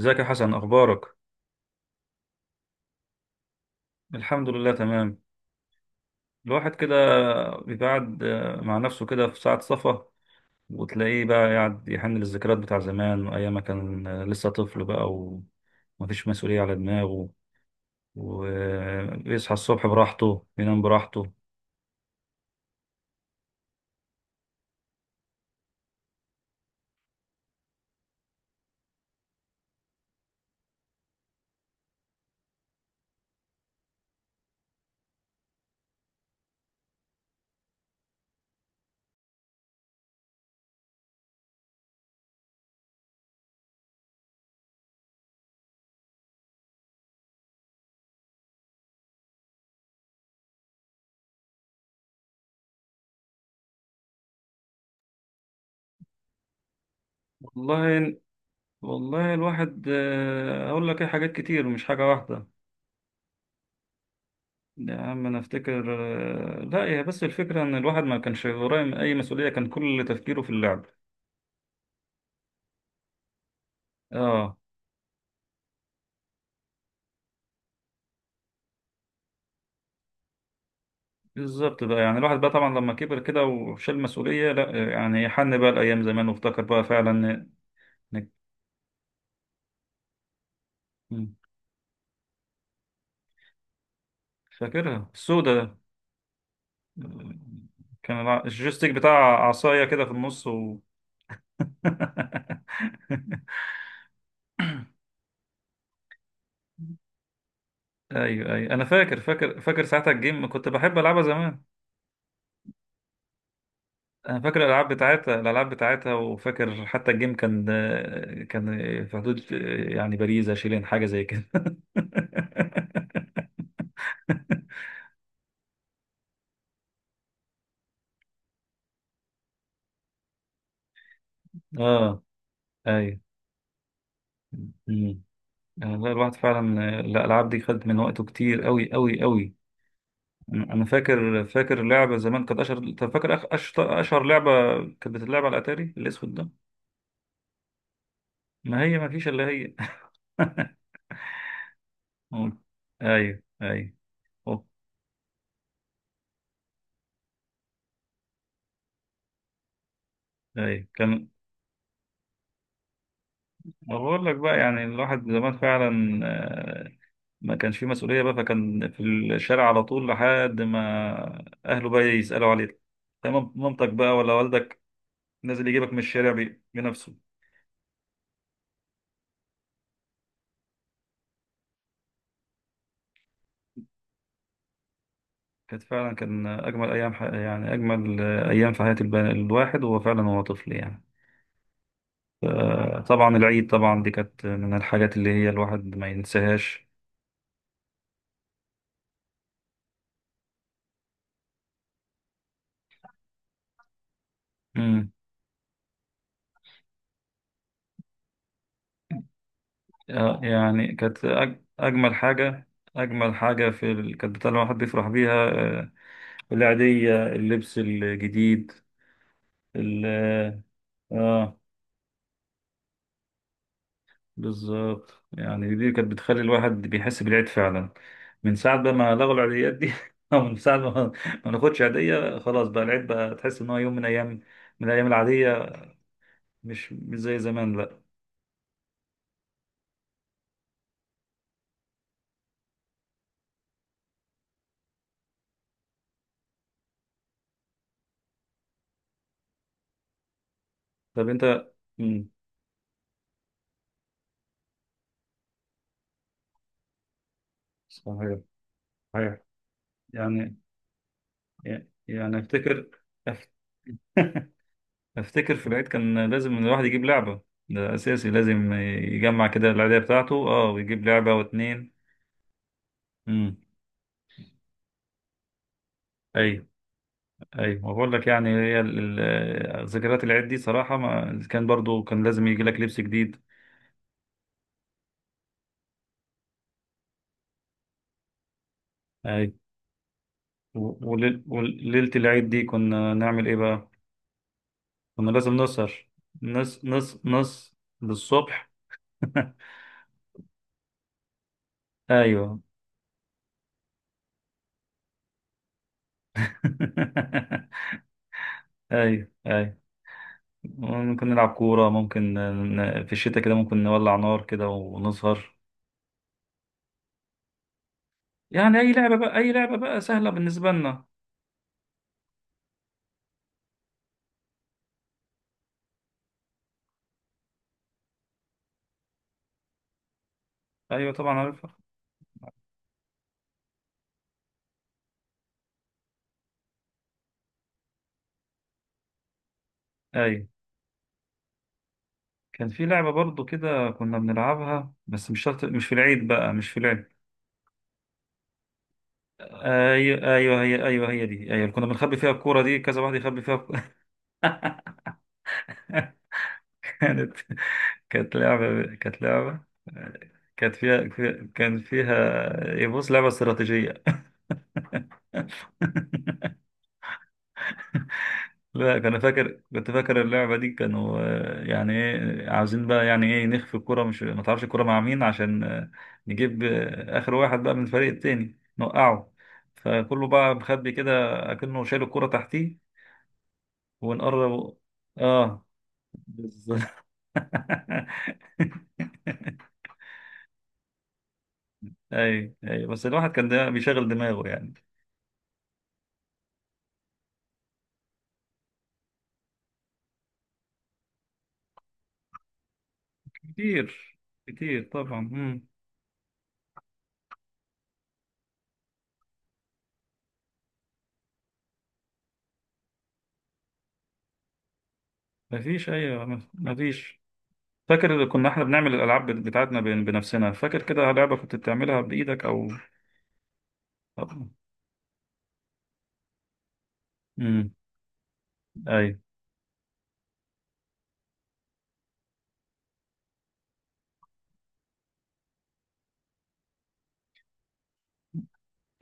ازيك يا حسن، اخبارك؟ الحمد لله، تمام. الواحد كده بيقعد مع نفسه كده في ساعة صفا، وتلاقيه بقى قاعد يحن للذكريات بتاع زمان وايام ما كان لسه طفل بقى، ومفيش مسؤولية على دماغه، ويصحى الصبح براحته ينام براحته. والله، والله الواحد اقول لك ايه، حاجات كتير مش حاجة واحدة. يا عم انا افتكر، لا هي بس الفكرة ان الواحد ما كانش وراه اي مسؤولية، كان كل تفكيره في اللعب. اه. بالظبط بقى، يعني الواحد بقى طبعا لما كبر كده وشال مسؤولية، لا يعني حن بقى الأيام زمان وافتكر بقى فعلا. إنك- مم. فاكرها السودة ده. كان الجويستيك بتاع عصاية كده في النص. أيوه، أيوه، أنا فاكر فاكر فاكر ساعتها الجيم كنت بحب ألعبها زمان. أنا فاكر الألعاب بتاعتها وفاكر حتى الجيم كان، كان في حدود، يعني باريزا شيلين حاجة زي كده. آه. أيوه. مم. يعني والله الواحد فعلا، الالعاب دي خدت من وقته كتير قوي قوي قوي. انا فاكر فاكر لعبه زمان كانت اشهر. طب فاكر اشهر اشهر لعبه كانت بتتلعب على الاتاري الاسود ده. ما هي ما فيش الا هي. مم. ايوه، ايوه. اوه، ايوه، كان. بقول لك بقى يعني الواحد زمان فعلا، آه، ما كانش فيه مسؤوليه بقى، فكان في الشارع على طول لحد ما اهله بقى يسالوا عليه. تمام، مامتك بقى ولا والدك، نازل يجيبك من الشارع بنفسه. كانت فعلا كان أجمل أيام، يعني أجمل أيام في حياة الواحد، وهو فعلا هو طفل يعني. طبعا، العيد طبعا دي كانت من الحاجات اللي هي الواحد ما ينساهاش. امم. يعني كانت أجمل حاجة، أجمل حاجة كانت بتاع الواحد بيفرح بيها، العيدية، اللبس الجديد. ال... آه بالظبط، يعني دي كانت بتخلي الواحد بيحس بالعيد فعلا. من ساعة بقى ما لغوا العيديات دي، أو من ساعة ما ناخدش عيدية، خلاص بقى العيد بقى تحس إن هو يوم من أيام، من الأيام العادية، مش زي زمان. لأ. طب أنت. مم. صحيح، صحيح. يعني، أفتكر، أف- أفتكر في العيد كان لازم الواحد يجيب لعبة، ده أساسي، لازم يجمع كده العيدية بتاعته. أه، ويجيب لعبة واتنين. مم. أي. ايوه، ما بقول لك يعني هي ذكريات العيد دي صراحه، ما كان برضو كان لازم يجي لك لبس جديد. ايوه. وليله العيد دي، كنا نعمل ايه بقى؟ كنا لازم نسهر نص نص نص للصبح. ايوه. ايوه، ايوه. ممكن نلعب كوره، ممكن في الشتاء كده ممكن نولع نار كده ونسهر. يعني اي لعبه بقى، اي لعبه بقى سهله بالنسبه لنا. ايوه طبعا، عارفها. ايوه، كان في لعبة برضو كده كنا بنلعبها، بس مش شرط، مش في العيد بقى، مش في العيد. أيوة، أيوة، هي أيوة هي دي. أيوة، كنا بنخبي فيها الكورة دي، كذا واحد يخبي فيها الكورة. كانت كانت لعبة، كانت فيها كان فيها، يبص، لعبة استراتيجية. لا كان فاكر، كنت فاكر اللعبة دي، كانوا يعني ايه عاوزين بقى، يعني ايه نخفي الكرة، مش ما تعرفش الكرة مع مين، عشان نجيب آخر واحد بقى من الفريق التاني، نوقعه، فكله بقى مخبي كده، أكنه شايل الكرة تحتيه، ونقرب. اه، بالظبط. اي، اي. بس الواحد كان ده بيشغل دماغه يعني. كتير، كتير طبعا. مم. مفيش. ايوه. مفيش. فاكر اللي كنا احنا بنعمل الالعاب بتاعتنا بنفسنا، فاكر كده لعبه كنت بتعملها بايدك او... امم. اي،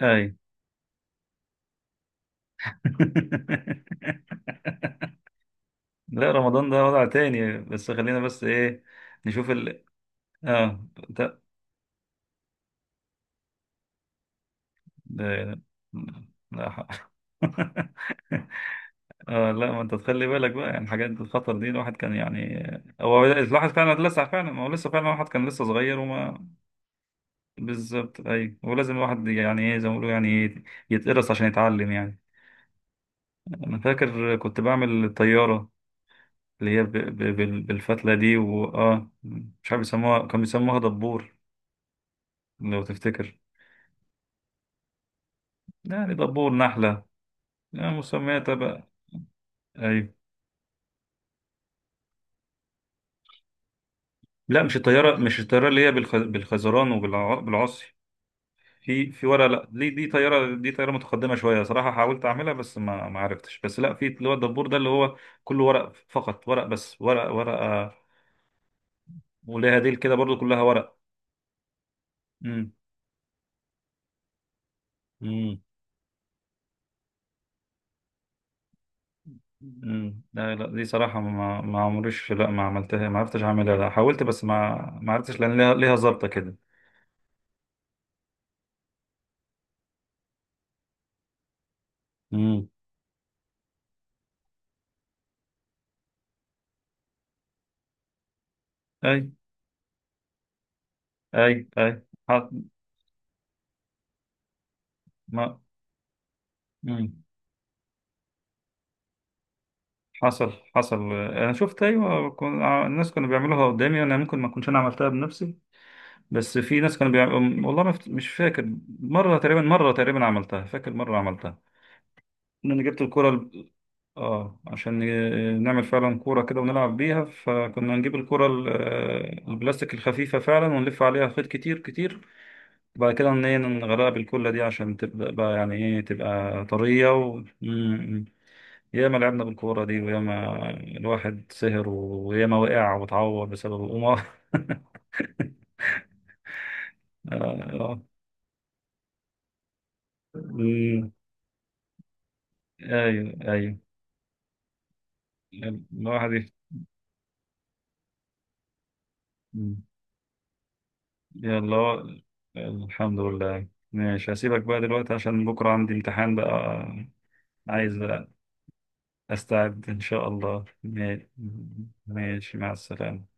اي. لا، رمضان ده وضع تاني، بس خلينا بس ايه، نشوف اه ده. ده لا، اه لا، ما انت تخلي بالك بقى يعني الحاجات دي، الخطر دي الواحد كان يعني، هو لاحظ فعلا لسه فعلا، ما هو لسه فعلا الواحد كان لسه صغير وما... بالظبط، ايوه، ولازم الواحد، يعني ايه، زي ما بيقولوا، يعني ايه، يتقرص عشان يتعلم يعني. انا فاكر كنت بعمل الطياره اللي هي بالفتله دي، مش عارف بيسموها، كانوا بيسموها دبور، لو تفتكر. يعني دبور، نحله، يعني مسمياتها بقى. ايوه. لا، مش الطياره، مش الطياره اللي هي بالخزران وبالعصي، في في ورقه. لا، دي طياره، طياره متقدمه شويه صراحه، حاولت اعملها بس ما عرفتش. بس لا، في اللي هو الدبور ده اللي هو كله ورق، فقط ورق، بس ورق، ورقه، وليها ديل كده برضو كلها ورق. امم، امم، امم. لا، لا، دي صراحة ما عمريش، لا ما عملتها، ما عرفتش اعملها، لا حاولت بس ما عرفتش لان ليها ظابطة كده. امم. اي، اي، اي. ح- ما... مم. حصل، حصل، انا شفت، ايوه، الناس كانوا بيعملوها قدامي، انا ممكن ما كنتش انا عملتها بنفسي، بس في ناس كانوا بيعملوا. والله ما فت- مش فاكر. مره تقريبا عملتها، فاكر مره عملتها، ان انا جبت الكره. اه، عشان نعمل فعلا كورة كده ونلعب بيها، فكنا نجيب الكورة البلاستيك الخفيفة فعلا، ونلف عليها خيط كتير كتير، وبعد كده إن هي نغرقها بالكلة دي عشان تبقى بقى يعني ايه تبقى طرية. مم. ياما لعبنا بالكورة دي، وياما الواحد سهر، وياما وقع واتعور بسبب القمار. آه، آه. مم. ايوه، ايوه. الواحد يفتح. يلا هو- الحمد لله، ماشي، هسيبك بقى دلوقتي عشان بكرة عندي امتحان بقى، عايز أستعد إن شاء الله. ماشي، مع السلامة.